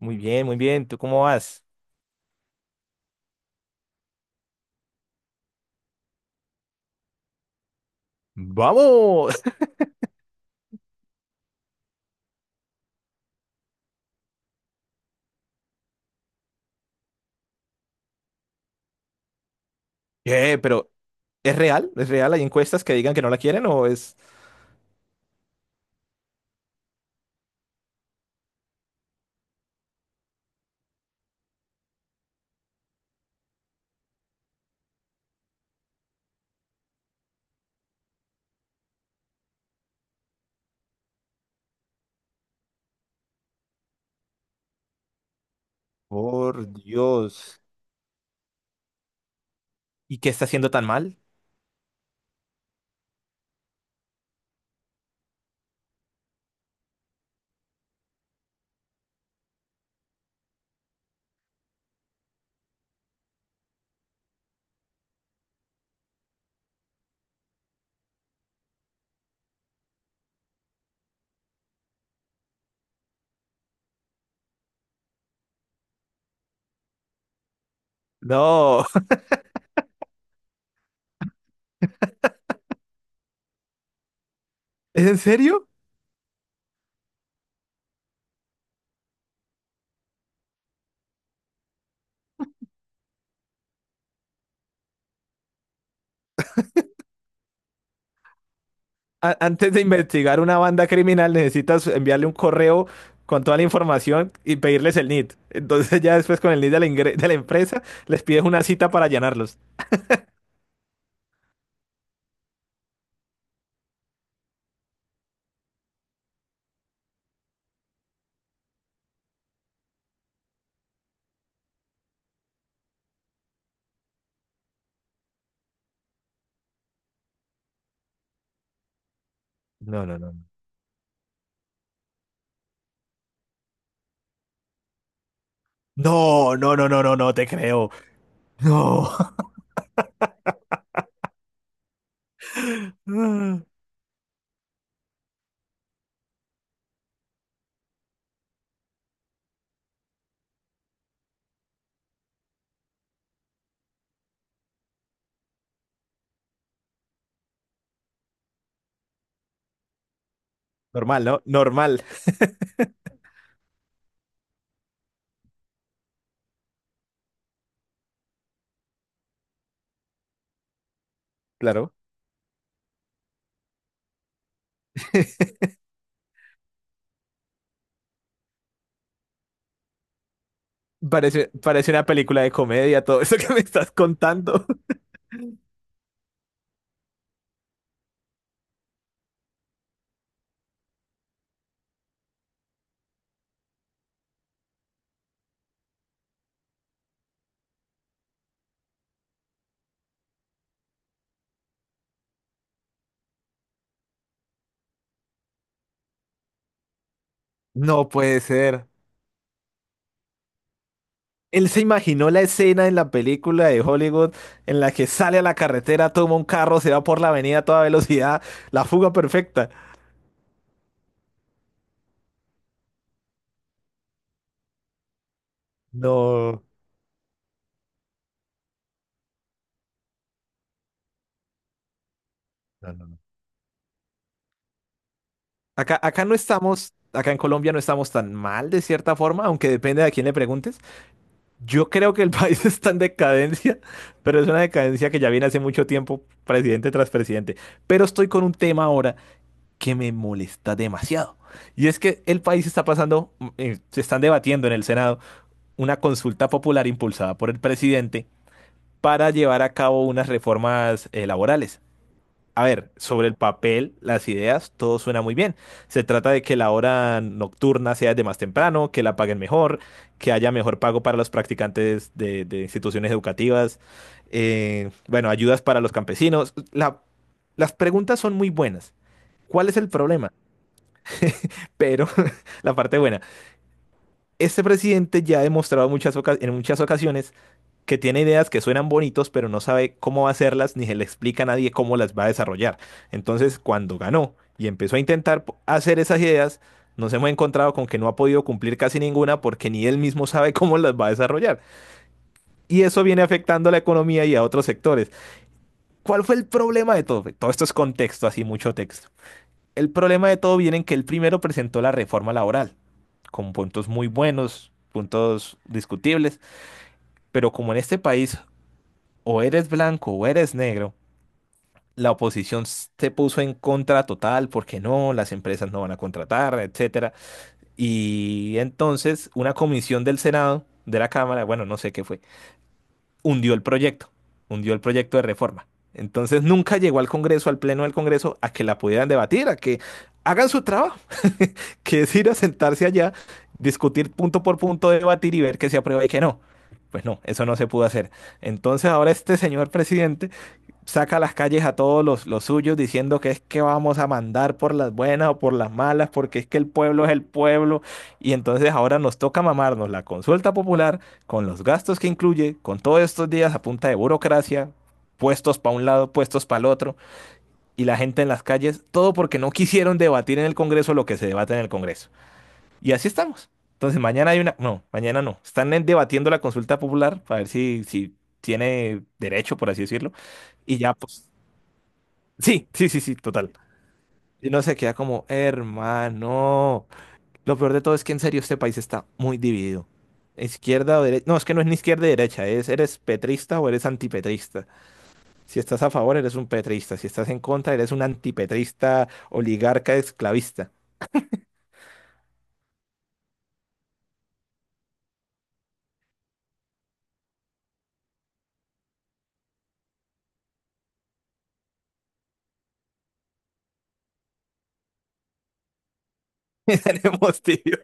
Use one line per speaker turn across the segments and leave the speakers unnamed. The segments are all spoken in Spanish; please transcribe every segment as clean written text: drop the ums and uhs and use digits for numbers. Muy bien, muy bien. ¿Tú cómo vas? ¡Vamos! qué pero ¿es real? ¿Es real? ¿Hay encuestas que digan que no la quieren o es... Por Dios. ¿Y qué está haciendo tan mal? No. ¿Es en serio? Antes de investigar una banda criminal necesitas enviarle un correo con toda la información y pedirles el NID. Entonces ya después con el NID de la empresa les pides una cita para llenarlos. No, no, no. No, no, no, no, no, no, no te creo. No. Normal, ¿no? Normal. Claro. Parece, parece una película de comedia todo eso que me estás contando. No puede ser. Él se imaginó la escena en la película de Hollywood en la que sale a la carretera, toma un carro, se va por la avenida a toda velocidad, la fuga perfecta. No. No, no, no. Acá, acá no estamos, acá en Colombia no estamos tan mal de cierta forma, aunque depende de a quién le preguntes. Yo creo que el país está en decadencia, pero es una decadencia que ya viene hace mucho tiempo, presidente tras presidente. Pero estoy con un tema ahora que me molesta demasiado. Y es que el país está pasando, se están debatiendo en el Senado una consulta popular impulsada por el presidente para llevar a cabo unas reformas laborales. A ver, sobre el papel, las ideas, todo suena muy bien. Se trata de que la hora nocturna sea de más temprano, que la paguen mejor, que haya mejor pago para los practicantes de instituciones educativas, bueno, ayudas para los campesinos. Las preguntas son muy buenas. ¿Cuál es el problema? Pero la parte buena. Este presidente ya ha demostrado en muchas ocasiones que tiene ideas que suenan bonitos, pero no sabe cómo va a hacerlas ni se le explica a nadie cómo las va a desarrollar. Entonces, cuando ganó y empezó a hacer esas ideas, nos hemos encontrado con que no ha podido cumplir casi ninguna porque ni él mismo sabe cómo las va a desarrollar. Y eso viene afectando a la economía y a otros sectores. ¿Cuál fue el problema de todo? Todo esto es contexto, así mucho texto. El problema de todo viene en que él primero presentó la reforma laboral con puntos muy buenos, puntos discutibles, pero como en este país o eres blanco o eres negro, la oposición se puso en contra total porque no, las empresas no van a contratar, etcétera. Y entonces una comisión del Senado, de la Cámara, bueno, no sé qué fue, hundió el proyecto, hundió el proyecto de reforma. Entonces nunca llegó al Congreso, al Pleno del Congreso, a que la pudieran debatir, a que hagan su trabajo, que es ir a sentarse allá, discutir punto por punto, debatir y ver qué se aprueba y qué no. Pues no, eso no se pudo hacer. Entonces ahora este señor presidente saca a las calles a todos los suyos diciendo que es que vamos a mandar por las buenas o por las malas, porque es que el pueblo es el pueblo. Y entonces ahora nos toca mamarnos la consulta popular con los gastos que incluye, con todos estos días a punta de burocracia, puestos para un lado, puestos para el otro, y la gente en las calles, todo porque no quisieron debatir en el Congreso lo que se debate en el Congreso. Y así estamos. Entonces mañana hay una... No, mañana no. Están debatiendo la consulta popular para ver si tiene derecho, por así decirlo. Y ya, pues... Sí, sí, sí, sí, total. Y no se queda como, hermano. Lo peor de todo es que en serio este país está muy dividido. Izquierda o derecha. No, es que no es ni izquierda y derecha. Es, eres petrista o eres antipetrista. Si estás a favor, eres un petrista. Si estás en contra, eres un antipetrista, oligarca, esclavista. Tenemos, tío.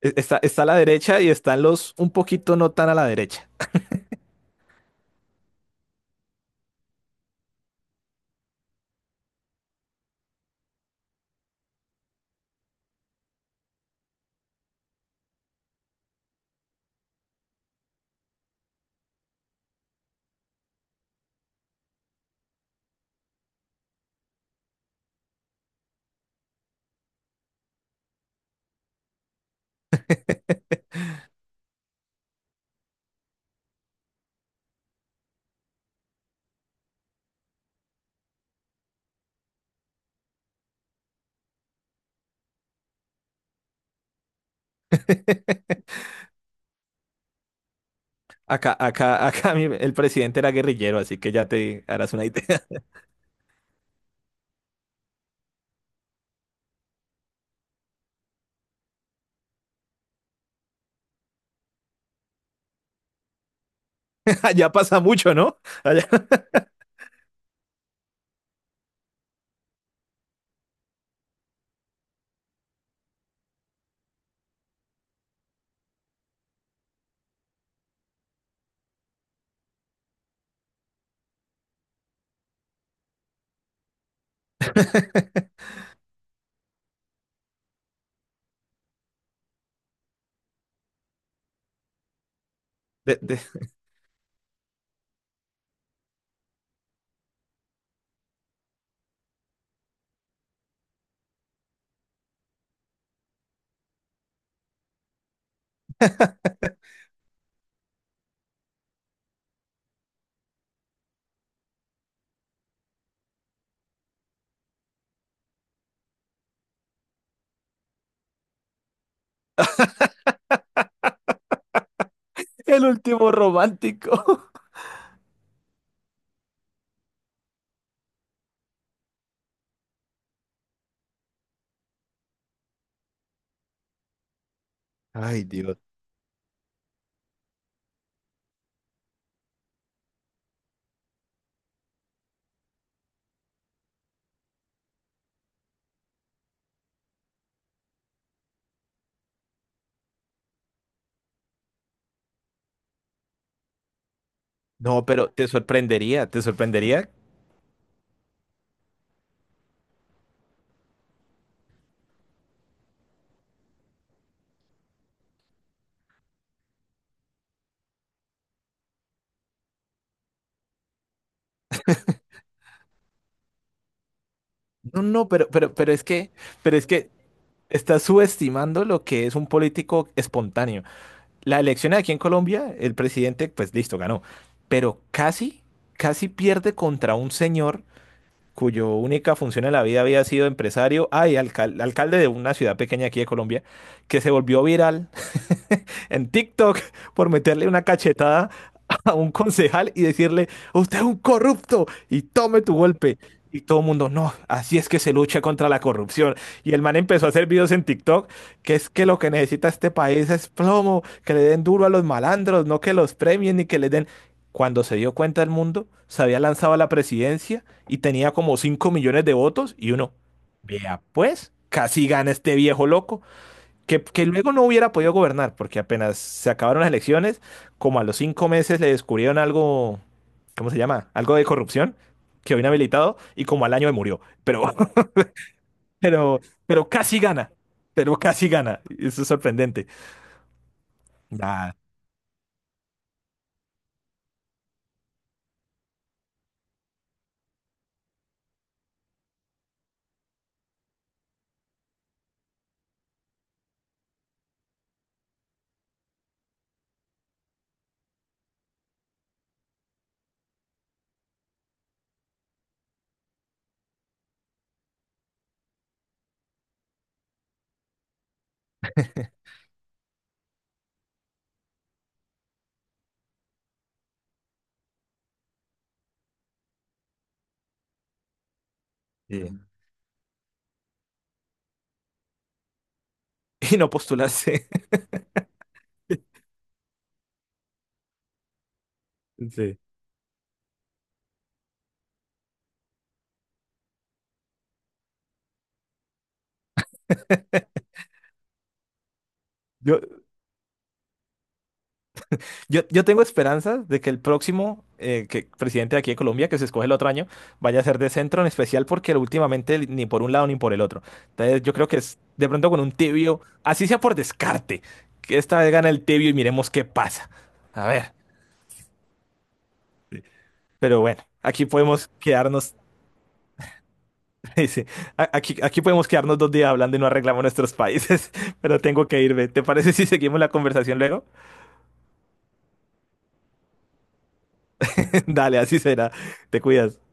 Está, está a la derecha y están los un poquito no tan a la derecha. Acá, acá, el presidente era guerrillero, así que ya te harás una idea. Allá pasa mucho, ¿no? Allá. De- de- El último romántico. Ay, Dios. No, pero te sorprendería, te sorprendería. No, pero es que estás subestimando lo que es un político espontáneo. La elección aquí en Colombia, el presidente, pues listo, ganó. Pero casi, casi pierde contra un señor cuyo única función en la vida había sido empresario, ay, alcalde de una ciudad pequeña aquí de Colombia, que se volvió viral en TikTok por meterle una cachetada a un concejal y decirle, usted es un corrupto y tome tu golpe. Y todo el mundo, no, así es que se lucha contra la corrupción. Y el man empezó a hacer videos en TikTok, que es que lo que necesita este país es plomo, que le den duro a los malandros, no que los premien ni que les den. Cuando se dio cuenta el mundo, se había lanzado a la presidencia y tenía como 5 millones de votos y uno, vea pues, casi gana este viejo loco que luego no hubiera podido gobernar, porque apenas se acabaron las elecciones, como a los cinco meses le descubrieron algo, ¿cómo se llama? Algo de corrupción, quedó inhabilitado y como al año me murió. Pero, pero, pero casi gana, pero casi gana. Eso es sorprendente. Nah, sí. Y no postularse. Sí. Yo, Yo, tengo esperanzas de que el próximo presidente de aquí de Colombia, que se escoge el otro año, vaya a ser de centro, en especial porque últimamente ni por un lado ni por el otro. Entonces yo creo que es de pronto con un tibio, así sea por descarte, que esta vez gana el tibio y miremos qué pasa. A ver, pero bueno, aquí podemos quedarnos, dice, aquí, aquí podemos quedarnos dos días hablando y no arreglamos nuestros países, pero tengo que irme. ¿Te parece si seguimos la conversación luego? Dale, así será. Te cuidas.